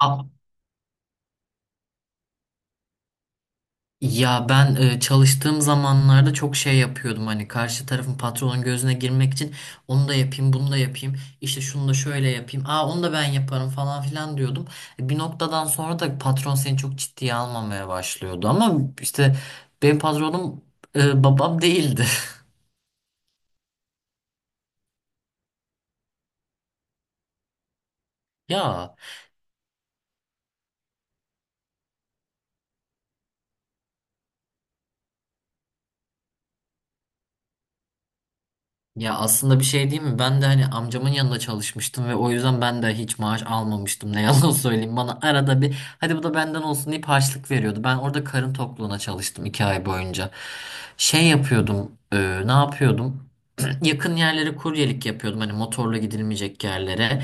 A- Ya ben çalıştığım zamanlarda çok şey yapıyordum, hani karşı tarafın, patronun gözüne girmek için onu da yapayım, bunu da yapayım, işte şunu da şöyle yapayım, onu da ben yaparım falan filan diyordum. Bir noktadan sonra da patron seni çok ciddiye almamaya başlıyordu, ama işte benim patronum babam değildi. Ya. Ya aslında bir şey değil mi? Ben de hani amcamın yanında çalışmıştım ve o yüzden ben de hiç maaş almamıştım. Ne yalan söyleyeyim. Bana arada bir, hadi bu da benden olsun, deyip harçlık veriyordu. Ben orada karın tokluğuna çalıştım iki ay boyunca. Şey yapıyordum. Ne yapıyordum? Yakın yerlere kuryelik yapıyordum. Hani motorla gidilmeyecek yerlere.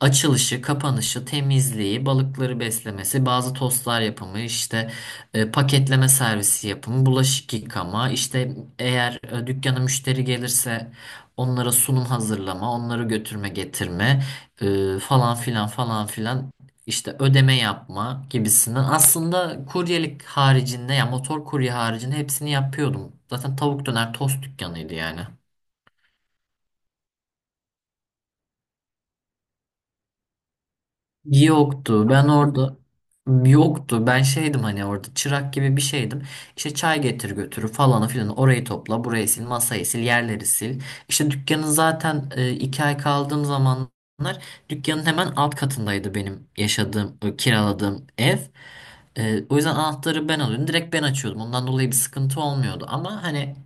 Açılışı, kapanışı, temizliği, balıkları beslemesi, bazı tostlar yapımı, işte paketleme servisi yapımı, bulaşık yıkama, işte eğer dükkana müşteri gelirse onlara sunum hazırlama, onları götürme getirme, falan filan falan filan, işte ödeme yapma gibisinden. Aslında kuryelik haricinde, ya motor kurye haricinde hepsini yapıyordum. Zaten tavuk döner tost dükkanıydı yani. Yoktu. Ben orada yoktu. Ben şeydim, hani orada çırak gibi bir şeydim. İşte çay getir götürü falanı filan. Orayı topla, burayı sil, masayı sil, yerleri sil. İşte dükkanın, zaten iki ay kaldığım zamanlar dükkanın hemen alt katındaydı benim yaşadığım, kiraladığım ev. O yüzden anahtarı ben alıyordum. Direkt ben açıyordum. Ondan dolayı bir sıkıntı olmuyordu. Ama hani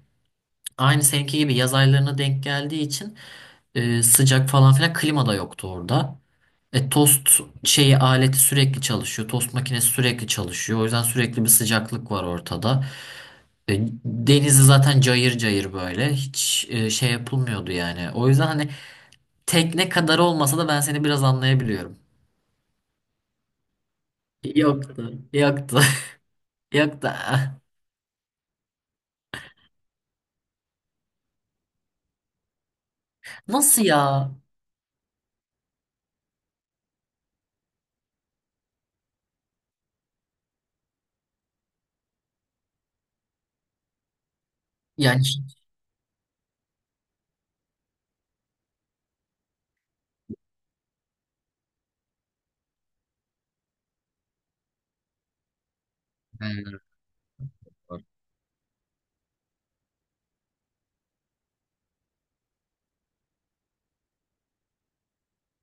aynı seninki gibi yaz aylarına denk geldiği için sıcak falan filan, klima da yoktu orada. Tost şeyi, aleti sürekli çalışıyor. Tost makinesi sürekli çalışıyor. O yüzden sürekli bir sıcaklık var ortada. E, denizi zaten cayır cayır böyle. Hiç şey yapılmıyordu yani. O yüzden hani tekne kadar olmasa da ben seni biraz anlayabiliyorum. Yoktu. Yoktu. Yoktu. Nasıl ya? Yani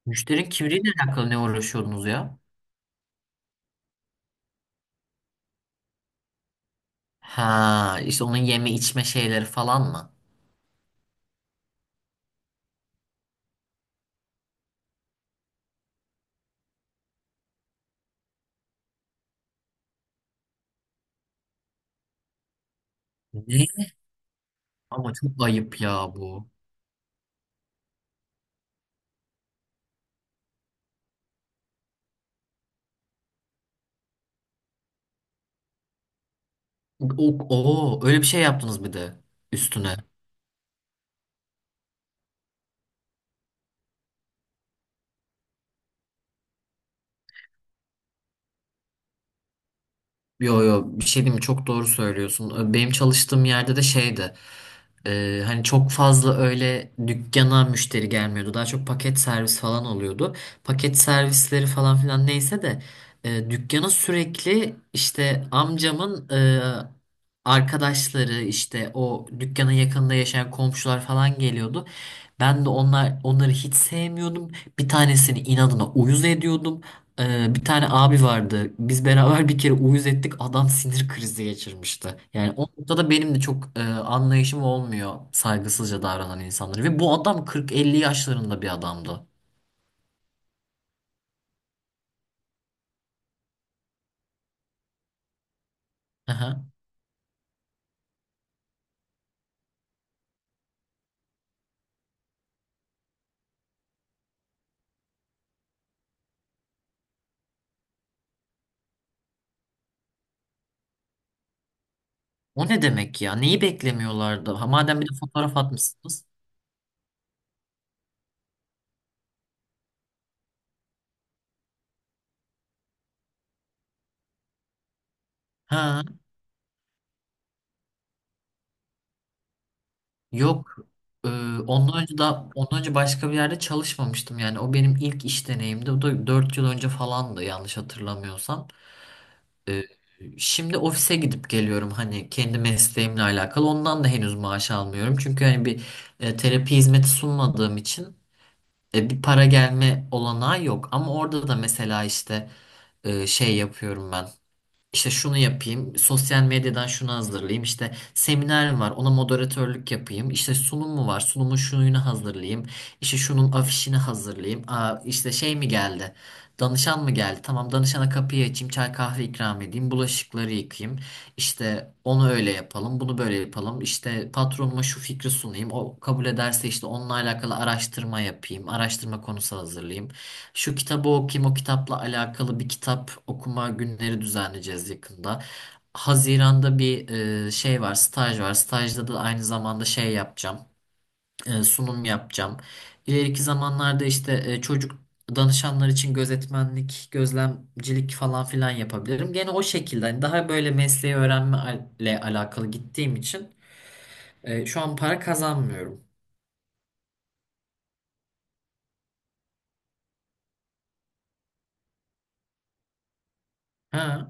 müşterinin kimliğiyle alakalı ne uğraşıyordunuz ya? Ha, işte onun yeme içme şeyleri falan mı? Ne? Ama çok ayıp ya bu. O öyle bir şey yaptınız bir de üstüne. Yo, yo, bir şey diyeyim mi? Çok doğru söylüyorsun. Benim çalıştığım yerde de şeydi. Hani çok fazla öyle dükkana müşteri gelmiyordu. Daha çok paket servis falan oluyordu. Paket servisleri falan filan neyse de dükkana sürekli işte amcamın arkadaşları, işte o dükkanın yakınında yaşayan komşular falan geliyordu. Ben de onları hiç sevmiyordum. Bir tanesini inadına uyuz ediyordum. Bir tane abi vardı. Biz beraber bir kere uyuz ettik. Adam sinir krizi geçirmişti. Yani o noktada benim de çok anlayışım olmuyor saygısızca davranan insanlara. Ve bu adam 40-50 yaşlarında bir adamdı. Aha. O ne demek ya? Neyi beklemiyorlardı? Ha, madem bir de fotoğraf atmışsınız. Ha, yok. Ee, ondan önce başka bir yerde çalışmamıştım yani. O benim ilk iş deneyimdi. O da 4 yıl önce falandı, yanlış hatırlamıyorsam. Ee, Şimdi ofise gidip geliyorum, hani kendi mesleğimle alakalı. Ondan da henüz maaş almıyorum. Çünkü hani bir terapi hizmeti sunmadığım için bir para gelme olanağı yok. Ama orada da mesela işte şey yapıyorum ben. İşte şunu yapayım, sosyal medyadan şunu hazırlayayım, işte seminer var, ona moderatörlük yapayım, işte sunum mu var, sunumun şununu hazırlayayım, işte şunun afişini hazırlayayım, işte şey mi geldi, danışan mı geldi, tamam danışana kapıyı açayım, çay kahve ikram edeyim, bulaşıkları yıkayayım, işte onu öyle yapalım, bunu böyle yapalım, işte patronuma şu fikri sunayım, o kabul ederse işte onunla alakalı araştırma yapayım, araştırma konusu hazırlayayım. Şu kitabı okuyayım, o kitapla alakalı bir kitap okuma günleri düzenleyeceğiz yakında. Haziran'da bir şey var, staj var. Stajda da aynı zamanda şey yapacağım, sunum yapacağım. İleriki zamanlarda işte çocuk danışanlar için gözetmenlik, gözlemcilik falan filan yapabilirim. Gene o şekilde, hani daha böyle mesleği öğrenmeyle alakalı gittiğim için şu an para kazanmıyorum. Ha.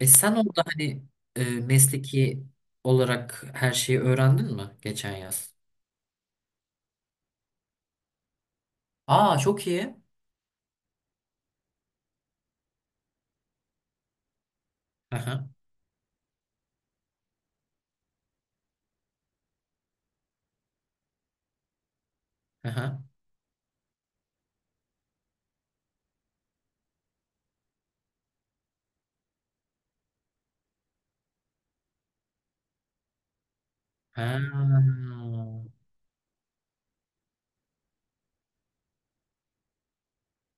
E, sen orada hani mesleki olarak her şeyi öğrendin mi geçen yaz? Aa, çok iyi. Aha, aha, ha,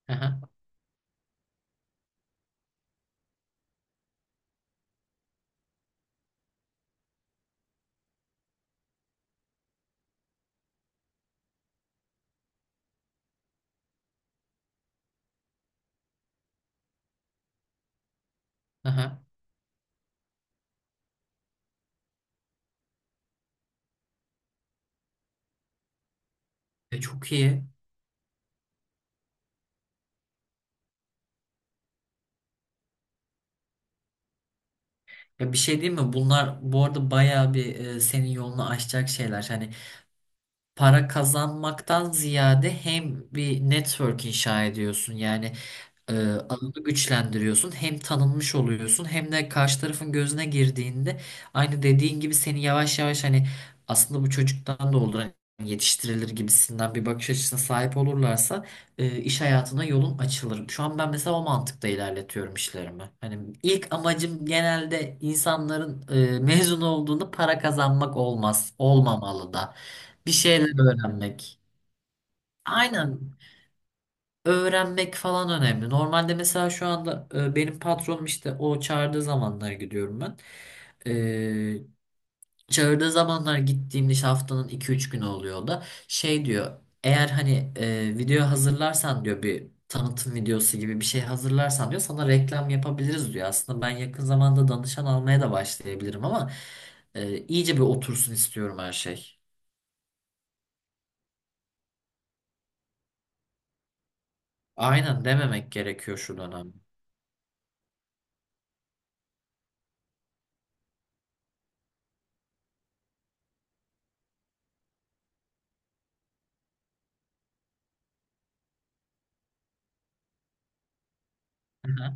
aha, aha. E, çok iyi. Ya bir şey değil mi? Bunlar bu arada bayağı bir, senin yolunu açacak şeyler. Hani para kazanmaktan ziyade hem bir network inşa ediyorsun. Yani Ee, alanı güçlendiriyorsun. Hem tanınmış oluyorsun, hem de karşı tarafın gözüne girdiğinde aynı dediğin gibi seni yavaş yavaş, hani aslında bu çocuktan da olur, hani yetiştirilir gibisinden bir bakış açısına sahip olurlarsa iş hayatına yolun açılır. Şu an ben mesela o mantıkta ilerletiyorum işlerimi. Hani ilk amacım genelde insanların mezun olduğunda para kazanmak olmaz. Olmamalı da. Bir şeyler öğrenmek. Aynen, öğrenmek falan önemli. Normalde mesela şu anda benim patronum, işte o çağırdığı zamanlar gidiyorum ben. E, çağırdığı zamanlar gittiğimde, işte haftanın iki üç günü oluyor, o da şey diyor, eğer hani video hazırlarsan diyor, bir tanıtım videosu gibi bir şey hazırlarsan diyor, sana reklam yapabiliriz diyor. Aslında ben yakın zamanda danışan almaya da başlayabilirim, ama iyice bir otursun istiyorum her şey. Aynen, dememek gerekiyor şu dönem. Hı hı.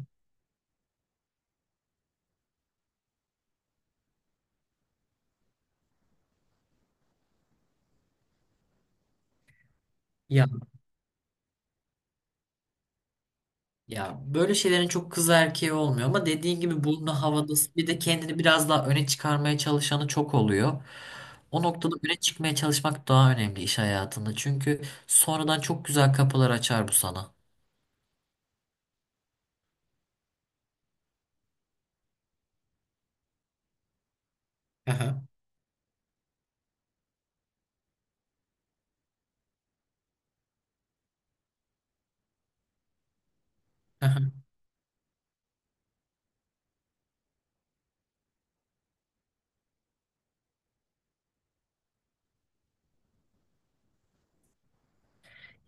Ya. Ya böyle şeylerin çok kız erkeği olmuyor, ama dediğin gibi burnu havada, bir de kendini biraz daha öne çıkarmaya çalışanı çok oluyor. O noktada öne çıkmaya çalışmak daha önemli iş hayatında. Çünkü sonradan çok güzel kapılar açar bu sana. Aha. Aha.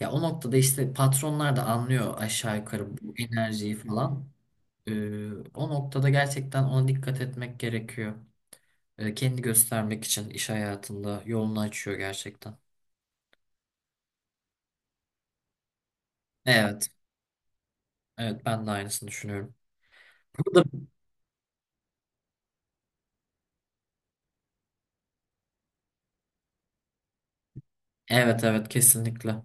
Ya, o noktada işte patronlar da anlıyor aşağı yukarı bu enerjiyi falan. O noktada gerçekten ona dikkat etmek gerekiyor. Kendi göstermek için iş hayatında yolunu açıyor gerçekten. Evet, evet ben de aynısını düşünüyorum. Burada Evet, evet, kesinlikle.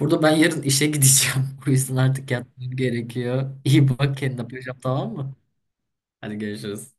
Burada ben yarın işe gideceğim. O yüzden artık yatmam gerekiyor. İyi bak kendine paşam, tamam mı? Hadi, görüşürüz.